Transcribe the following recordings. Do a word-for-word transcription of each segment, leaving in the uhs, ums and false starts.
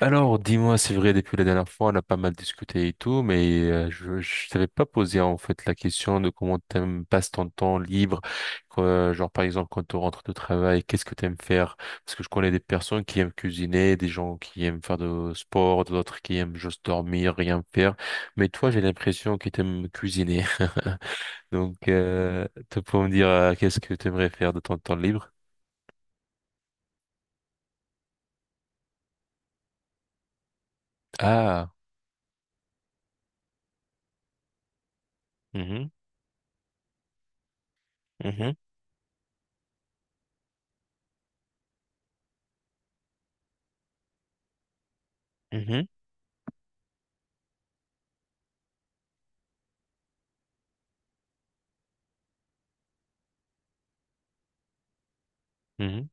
Alors, dis-moi, c'est vrai, depuis la dernière fois, on a pas mal discuté et tout, mais euh, je je t'avais pas posé en fait la question de comment t'aimes passes ton temps libre, quoi, genre par exemple quand tu rentres de travail, qu'est-ce que t'aimes faire? Parce que je connais des personnes qui aiment cuisiner, des gens qui aiment faire de sport, d'autres qui aiment juste dormir, rien faire. Mais toi, j'ai l'impression que t'aimes cuisiner. Donc, euh, tu peux me dire euh, qu'est-ce que t'aimerais faire de ton temps libre? Ah. Mhm. Mhm. Mhm. Mhm.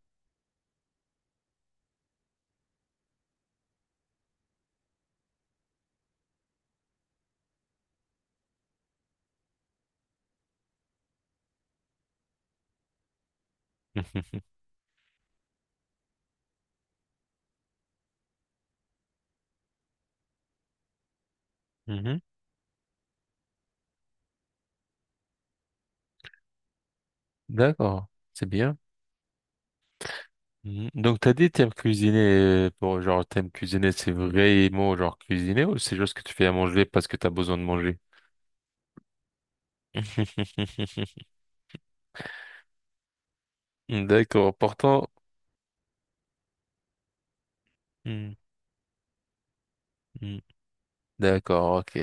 Mhm. Mhm. D'accord, c'est bien. Mhm. Donc, t'as dit t'aimes cuisiner euh, pour genre t'aimes cuisiner, c'est vraiment genre cuisiner ou c'est juste que tu fais à manger parce que t'as besoin de manger? D'accord. Pourtant. Hmm. Hmm. D'accord, ok,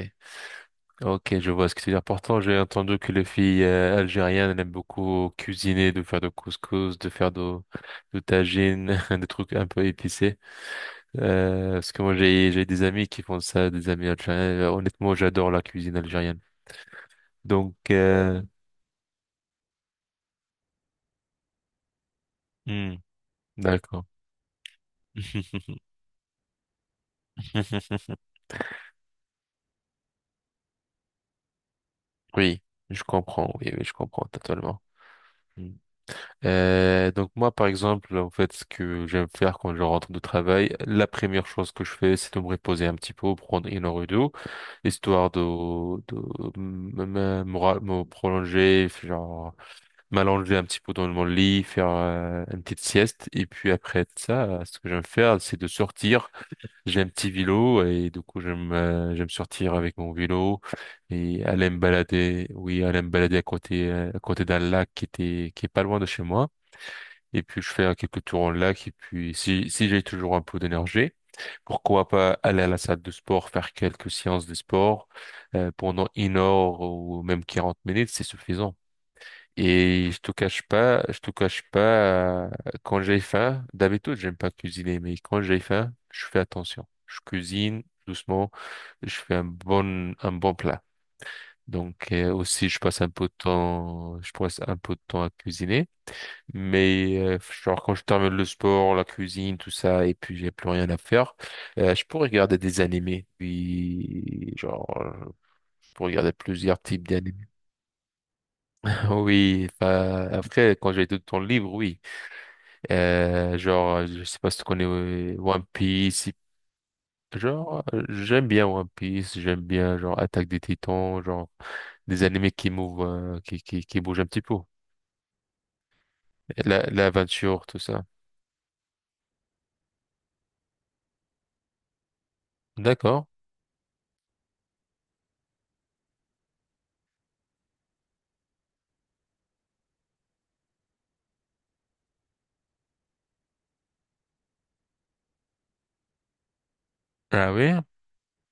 ok, je vois ce que tu veux dire. Pourtant, j'ai entendu que les filles euh, algériennes elles aiment beaucoup cuisiner, de faire de couscous, de faire de, de tagine, des trucs un peu épicés. Euh, parce que moi, j'ai j'ai des amis qui font ça, des amis algériens. Euh, Honnêtement, j'adore la cuisine algérienne. Donc, euh, hmm, d'accord. Oui, je comprends. Oui, oui, je comprends totalement. Hmm. Euh, donc moi, par exemple, en fait, ce que j'aime faire quand je rentre de travail, la première chose que je fais, c'est de me reposer un petit peu, prendre une heure ou deux, histoire de, de me, me- me ra- me prolonger, genre m'allonger un petit peu dans mon lit, faire euh, une petite sieste. Et puis après ça, ce que j'aime faire, c'est de sortir. J'ai un petit vélo et du coup j'aime euh, j'aime sortir avec mon vélo et aller me balader. Oui, aller me balader à côté euh, à côté d'un lac qui était qui est pas loin de chez moi. Et puis je fais euh, quelques tours en lac et puis si si j'ai toujours un peu d'énergie, pourquoi pas aller à la salle de sport faire quelques séances de sport euh, pendant une heure ou même quarante minutes, c'est suffisant. Et je te cache pas, je te cache pas, euh, quand j'ai faim, d'habitude, j'aime pas cuisiner, mais quand j'ai faim, je fais attention. Je cuisine doucement, je fais un bon, un bon plat. Donc, euh, aussi, je passe un peu de temps, je passe un peu de temps à cuisiner. Mais, euh, genre, quand je termine le sport, la cuisine, tout ça, et puis j'ai plus rien à faire, euh, je peux regarder des animés. Puis, genre, euh, je peux regarder plusieurs types d'animés. Oui, enfin, après, quand j'ai tout le temps libre, oui. Euh, genre, je sais pas si tu connais euh, One Piece. Genre, euh, j'aime bien One Piece, j'aime bien genre Attaque des Titans, genre des animés qui mouvent, euh, qui, qui, qui bougent un petit peu. Et la- l'aventure, tout ça. D'accord. Ah oui?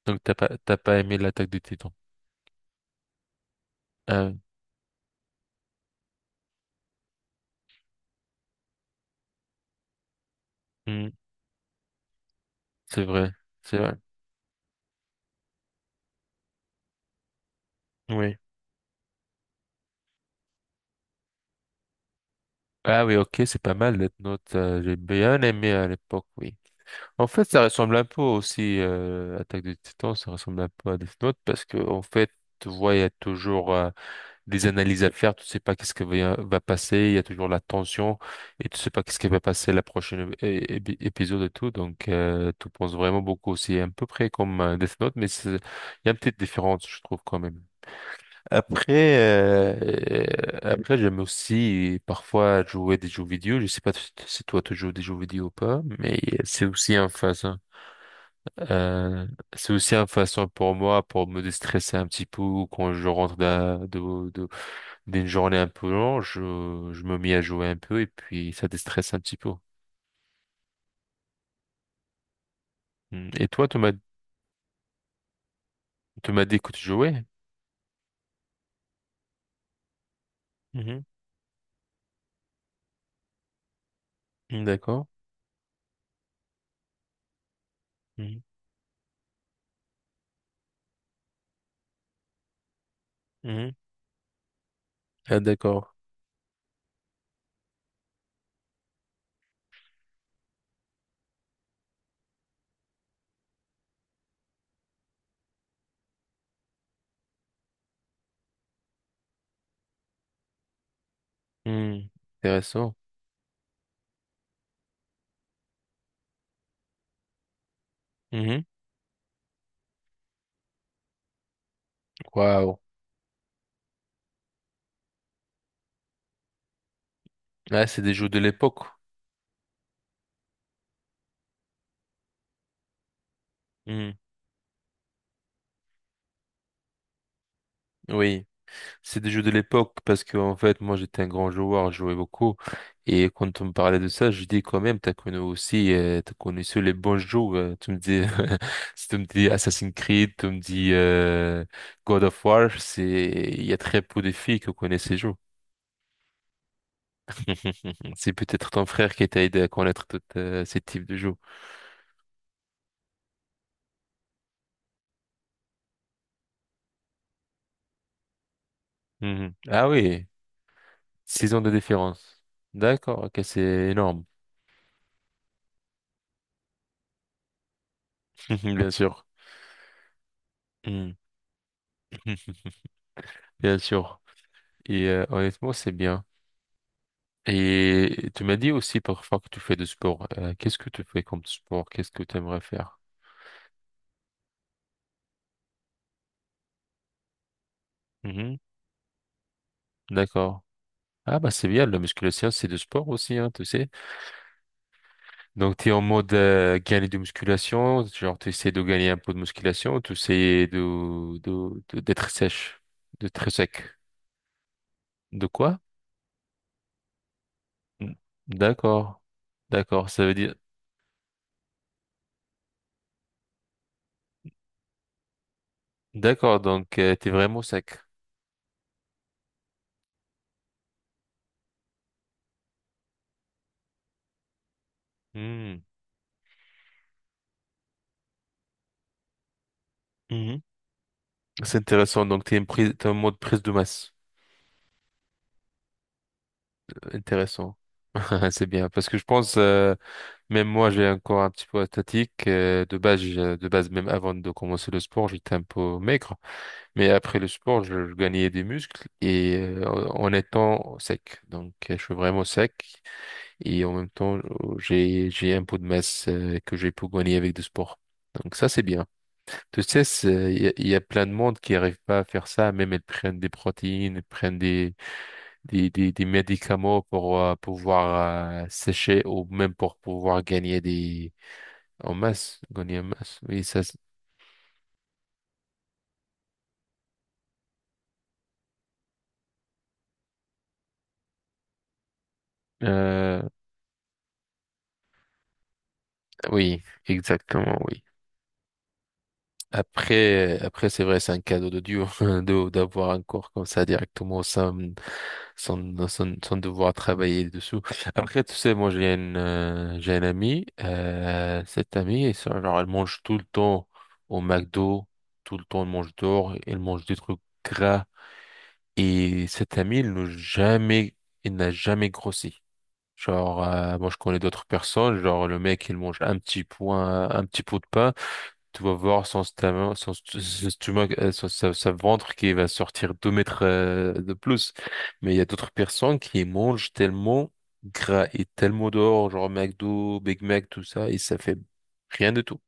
Donc t'as pas, t'as pas aimé l'Attaque des Titans. Ah, oui. Hmm, c'est vrai, c'est vrai. Oui. Ah oui, ok, c'est pas mal, Death Note. euh, j'ai bien aimé à l'époque, oui. En fait, ça ressemble un peu aussi, euh, Attaque des Titans, ça ressemble un peu à Death Note parce que, en fait, tu vois, il y a toujours euh, des analyses à faire, tu sais pas qu'est-ce qui va, va passer, il y a toujours la tension et tu sais pas qu'est-ce qui va passer la prochaine é- é- épisode et tout, donc euh, tu penses vraiment beaucoup. C'est à peu près comme euh, Death Note, mais c'est- il y a une petite différence, je trouve, quand même. Après, euh, euh, après j'aime aussi parfois jouer des jeux vidéo. Je sais pas si toi tu joues des jeux vidéo ou pas, mais c'est aussi un phase. Euh, c'est aussi une façon pour moi pour me déstresser un petit peu quand je rentre d'un- de, de, d'une journée un peu longue, je, je me mets à jouer un peu et puis ça déstresse un petit peu. Mm. Et toi, tu m'as, tu m'as dit que tu jouais? Mhm. Mm. D'accord. Mhm. Mhm. Ah, d'accord. Mm. Intéressant. Mhm. Waouh. Ah, c'est des jeux de l'époque. Mhm. Oui. C'est des jeux de l'époque parce que en fait moi j'étais un grand joueur, je jouais beaucoup et quand on me parlait de ça, je dis quand même t'as connu aussi euh, t'as connu seuls les bons jeux. euh, Tu me dis si tu me dis Assassin's Creed, tu me dis euh, God of War, c'est il y a très peu de filles qui connaissent ces jeux. C'est peut-être ton frère qui t'a aidé à connaître tous ces types de jeux. Mhm. Ah oui, six ans de différence. D'accord, ok, c'est énorme, bien sûr. Mhm. Bien sûr. Et euh, honnêtement, c'est bien. Et tu m'as dit aussi parfois que tu fais du sport. Euh, qu'est-ce que tu fais comme sport? Qu'est-ce que tu aimerais faire? Mhm. D'accord. Ah bah c'est bien, la musculation c'est du sport aussi, hein, tu sais. Donc tu es en mode euh, gagner de musculation, genre tu essaies de gagner un peu de musculation, tu essaies de, de, de- d'être sèche, de très sec. De quoi? Mm. D'accord. D'accord, ça veut dire... D'accord, donc euh, tu es vraiment sec. Hmm. Mhm. C'est intéressant, donc tu es, une prise, t'es en mode prise de masse. Intéressant. C'est bien, parce que je pense, euh, même moi, j'ai un corps un petit peu athlétique. euh, de base, j'ai- de base, même avant de commencer le sport, j'étais un peu maigre. Mais après le sport, je, je gagnais des muscles et euh, en étant sec. Donc, euh, je suis vraiment sec et en même temps, oh, j'ai j'ai un peu de masse euh, que j'ai pu gagner avec du sport. Donc ça, c'est bien. Tu sais, c'est- il y, a il y a plein de monde qui n'arrive pas à faire ça. Même elles prennent des protéines, elles prennent des des, des, des médicaments pour euh, pouvoir euh, sécher ou même pour pouvoir gagner des en masse, gagner en masse. Oui, ça, c'est- euh, oui, exactement, oui. Après, après, c'est vrai, c'est un cadeau de Dieu de- d'avoir un corps comme ça directement sans, sans, sans, sans devoir travailler dessous. Après, tu sais, moi, j'ai une, euh, j'ai un ami, euh, cette amie, ça, genre, elle mange tout le temps au McDo, tout le temps, elle mange dehors, elle mange des trucs gras. Et cet ami, il n'a jamais, il n'a jamais grossi. Genre, euh, moi, je connais d'autres personnes, genre, le mec, il mange un petit point, un petit pot de pain, tu vas voir son stomach, son, st- son stomac, euh, son- sa, sa ventre qui va sortir deux mètres euh, de plus. Mais il y a d'autres personnes qui mangent tellement gras et tellement dehors, genre McDo, Big Mac, tout ça, et ça fait rien du tout.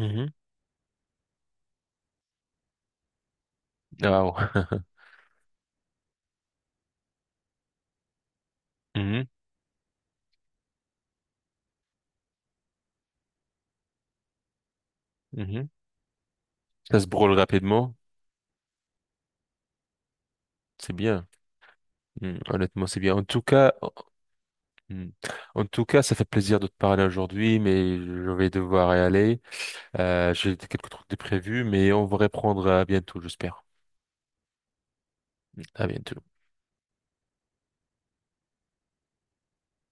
Mhm. Ah ouais. Mhm. Mhm. Ça se brûle rapidement, c'est bien. Hmm, honnêtement, c'est bien. En tout cas, hmm, en tout cas, ça fait plaisir de te parler aujourd'hui, mais je vais devoir y aller. Euh, j'ai quelques trucs de prévus, mais on va reprendre euh, bientôt, j'espère. À bientôt.